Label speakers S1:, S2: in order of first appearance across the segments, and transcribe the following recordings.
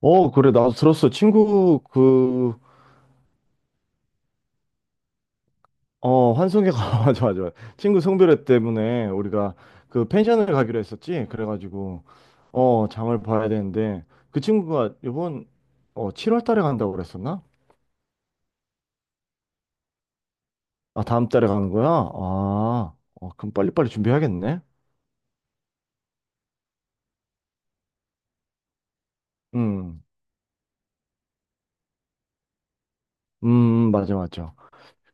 S1: 그래, 나도 들었어. 친구, 환승회가, 맞아, 맞아. 친구 성별회 때문에 우리가 그 펜션을 가기로 했었지? 그래가지고, 장을 봐야 되는데, 그 친구가 이번 7월 달에 간다고 그랬었나? 아, 다음 달에 가는 거야? 그럼 빨리빨리 준비해야겠네? 음, 맞아, 맞아.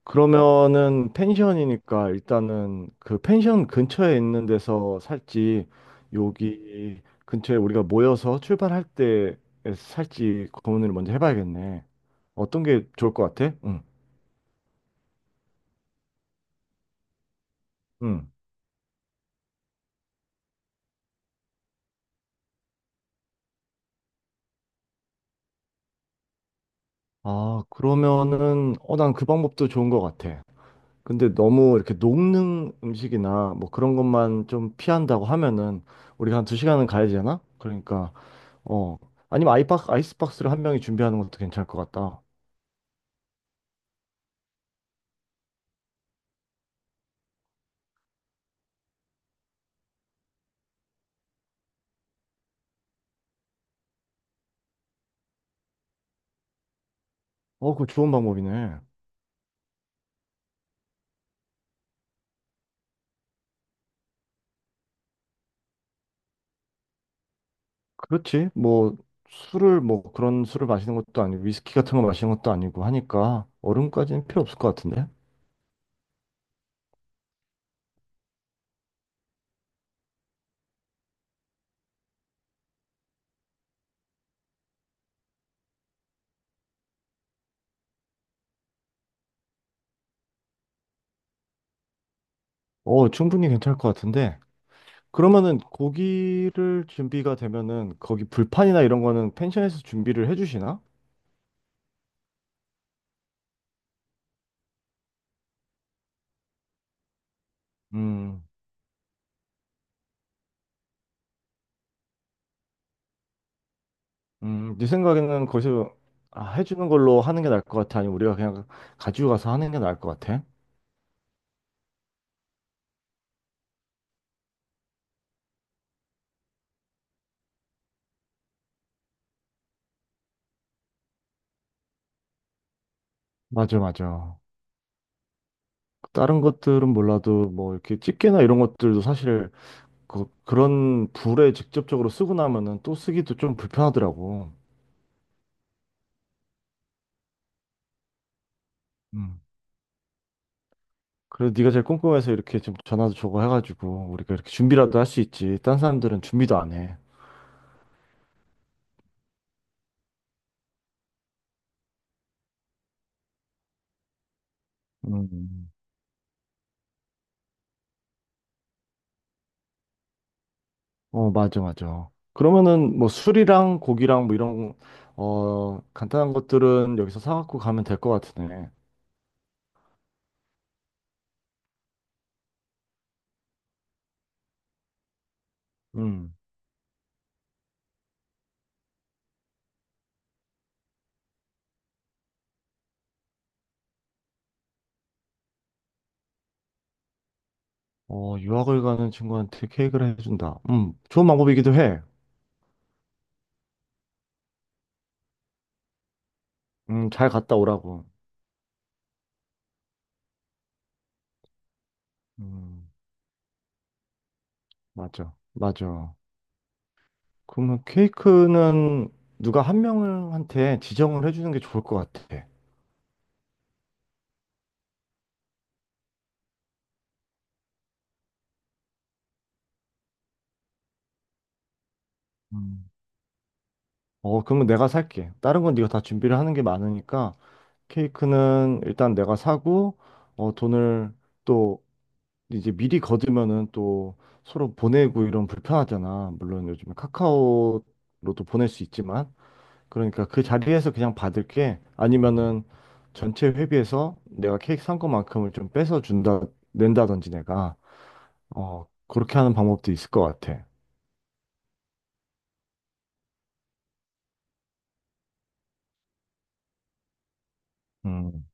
S1: 그러면은 펜션이니까 일단은 그 펜션 근처에 있는 데서 살지 여기 근처에 우리가 모여서 출발할 때 살지 고민을 먼저 해봐야겠네. 어떤 게 좋을 것 같아? 응, 응. 그러면은 난 그 방법도 좋은 것 같아. 근데 너무 이렇게 녹는 음식이나 뭐 그런 것만 좀 피한다고 하면은 우리가 한 두 시간은 가야 되잖아? 그러니까 어 아니면 아이박 아이스박스를 한 명이 준비하는 것도 괜찮을 것 같다. 어, 그거 좋은 방법이네. 그렇지. 뭐, 술을, 뭐, 그런 술을 마시는 것도 아니고, 위스키 같은 거 마시는 것도 아니고 하니까, 얼음까지는 필요 없을 것 같은데? 어, 충분히 괜찮을 것 같은데? 그러면은, 고기를 준비가 되면은, 거기 불판이나 이런 거는 펜션에서 준비를 해주시나? 음, 네 생각에는 거기서 아, 해주는 걸로 하는 게 나을 것 같아? 아니면 우리가 그냥 가지고 가서 하는 게 나을 것 같아? 맞아, 맞아. 다른 것들은 몰라도, 뭐, 이렇게 집게나 이런 것들도 사실, 그런 불에 직접적으로 쓰고 나면은 또 쓰기도 좀 불편하더라고. 음. 그래도 네가 제일 꼼꼼해서 이렇게 좀 전화도 주고 해가지고 우리가 이렇게 준비라도 할 수 있지. 딴 사람들은 준비도 안 해. 음. 어, 맞아, 맞아. 그러면은 뭐 술이랑 고기랑 뭐 이런 간단한 것들은 여기서 사갖고 가면 될 것 같으네. 음. 어, 유학을 가는 친구한테 케이크를 해준다. 좋은 방법이기도 해. 잘 갔다 오라고. 음, 맞아, 맞아. 그러면 케이크는 누가 한 명한테 지정을 해주는 게 좋을 것 같아. 음. 어, 그러면 내가 살게. 다른 건 네가 다 준비를 하는 게 많으니까 케이크는 일단 내가 사고 어, 돈을 또 이제 미리 거두면은 또 서로 보내고 이런 불편하잖아. 물론 요즘에 카카오로도 보낼 수 있지만 그러니까 그 자리에서 그냥 받을게. 아니면은 전체 회비에서 내가 케이크 산 것만큼을 좀 뺏어 준다 낸다든지 내가. 어, 그렇게 하는 방법도 있을 것 같아. 음,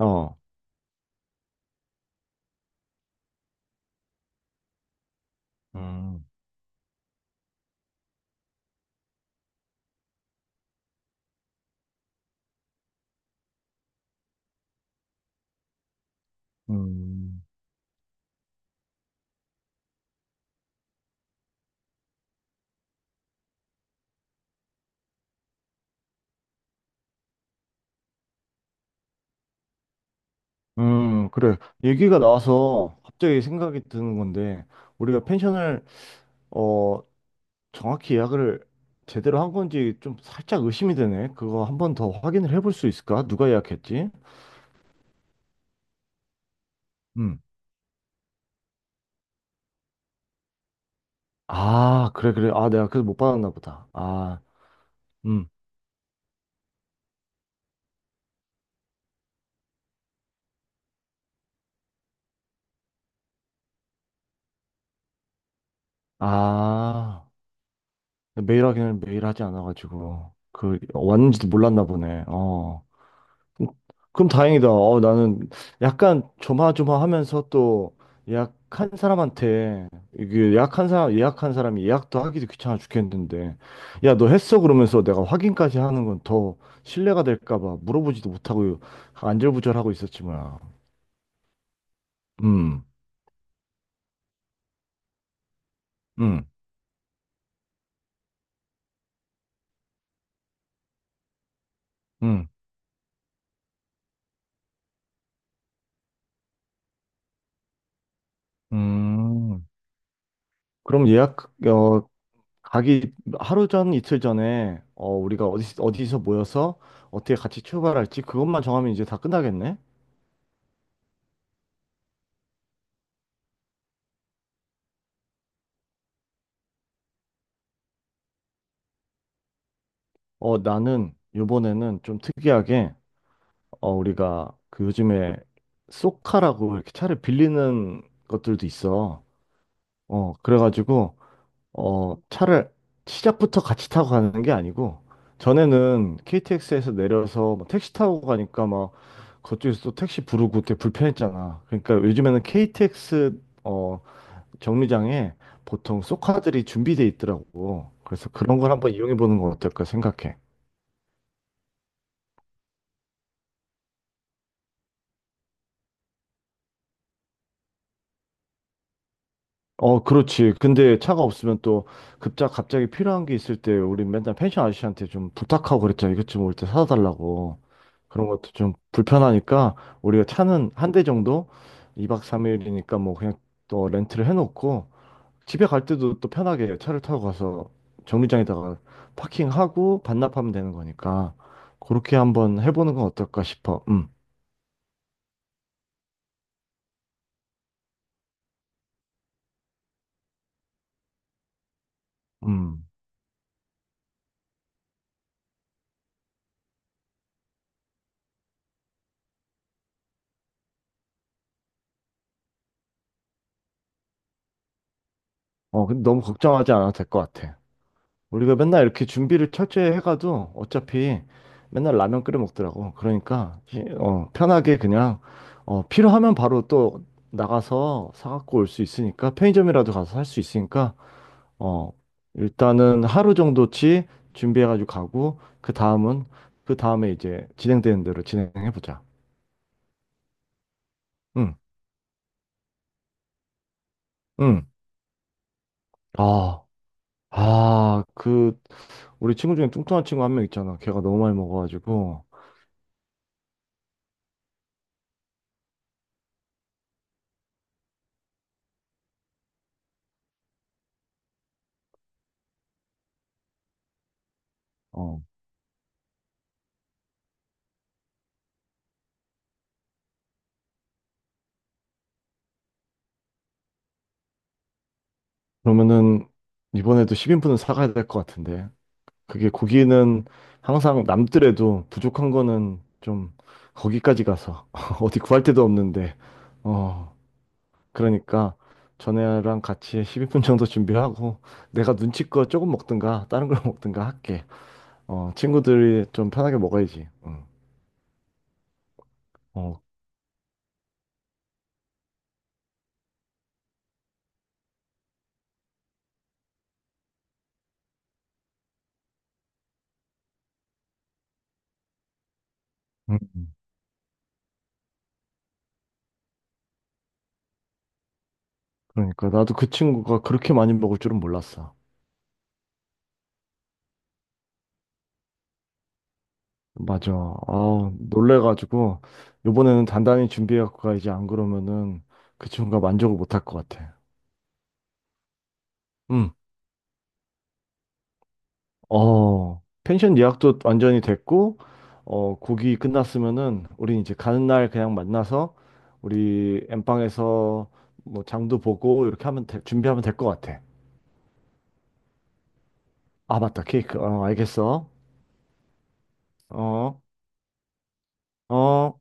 S1: 어, 음, 음, 그래. 얘기가 나와서 갑자기 생각이 드는 건데, 우리가 펜션을, 어, 정확히 예약을 제대로 한 건지 좀 살짝 의심이 되네. 그거 한번 더 확인을 해볼 수 있을까? 누가 예약했지? 음. 아, 그래, 그래. 아, 내가 그래서 못 받았나 보다. 음, 아. 메일 확인을 매일 하지 않아가지고, 그, 왔는지도 몰랐나 보네. 어. 음, 그럼 그럼 다행이다. 어, 나는 약간 조마조마하면서 또 예약한 사람한테 이게 예약한 사람이 예약도 하기도 귀찮아 죽겠는데 야, 너 했어? 그러면서 내가 확인까지 하는 건 더 신뢰가 될까 봐 물어보지도 못하고 안절부절하고 있었지 뭐야. 음. 음. 음. 음. 그럼 예약 가기 하루 전 이틀 전에 우리가 어디서 모여서 어떻게 같이 출발할지 그것만 정하면 이제 다 끝나겠네. 나는 요번에는 좀 특이하게, 우리가 그 요즘에 쏘카라고 이렇게 차를 빌리는 것들도 있어. 어, 그래가지고, 차를 시작부터 같이 타고 가는 게 아니고, 전에는 KTX에서 내려서 뭐 택시 타고 가니까 막 그쪽에서 또 택시 부르고 되게 불편했잖아. 그러니까 요즘에는 KTX, 정류장에 보통 쏘카들이 준비돼 있더라고. 그래서 그런 걸 한번 이용해 보는 건 어떨까 생각해. 어, 그렇지. 근데 차가 없으면 또 급작 갑자기 필요한 게 있을 때 우리 맨날 펜션 아저씨한테 좀 부탁하고 그랬잖아. 이것 좀 올 때 사다 달라고. 그런 것도 좀 불편하니까 우리가 차는 한 대 정도 2박 3일이니까 뭐 그냥 또 렌트를 해놓고 집에 갈 때도 또 편하게 차를 타고 가서 정류장에다가 파킹하고 반납하면 되는 거니까 그렇게 한번 해보는 건 어떨까 싶어. 음. 어, 근데 너무 걱정하지 않아도 될 것 같아. 우리가 맨날 이렇게 준비를 철저히 해가도 어차피 맨날 라면 끓여 먹더라고. 그러니까 편하게 그냥 어, 필요하면 바로 또 나가서 사갖고 올 수 있으니까 편의점이라도 가서 살 수 있으니까 어, 일단은 하루 정도치 준비해가지고 가고 그 다음은 그 다음에 이제 진행되는 대로 진행해보자. 응, 응. 아, 아, 우리 친구 중에 뚱뚱한 친구 한 명 있잖아. 걔가 너무 많이 먹어가지고. 어, 그러면은 이번에도 10인분은 사가야 될 것 같은데. 그게 고기는 항상 남더라도 부족한 거는 좀 거기까지 가서 어디 구할 데도 없는데. 어, 그러니까 전에랑 같이 10인분 정도 준비하고 내가 눈치껏 조금 먹든가 다른 걸 먹든가 할게. 어, 친구들이 좀 편하게 먹어야지. 응. 어, 음. 그러니까 나도 그 친구가 그렇게 많이 먹을 줄은 몰랐어. 맞아. 아, 놀래가지고 요번에는 단단히 준비해갖고 가 이제 안 그러면은 그 친구가 만족을 못할 것 같아. 음. 어, 펜션 예약도 완전히 됐고 어, 곡이 끝났으면은 우린 이제 가는 날 그냥 만나서 우리 엠빵에서 뭐 장도 보고 이렇게 하면 준비하면 될 것 같아. 아, 맞다. 케이크. 어, 알겠어. 어. 어.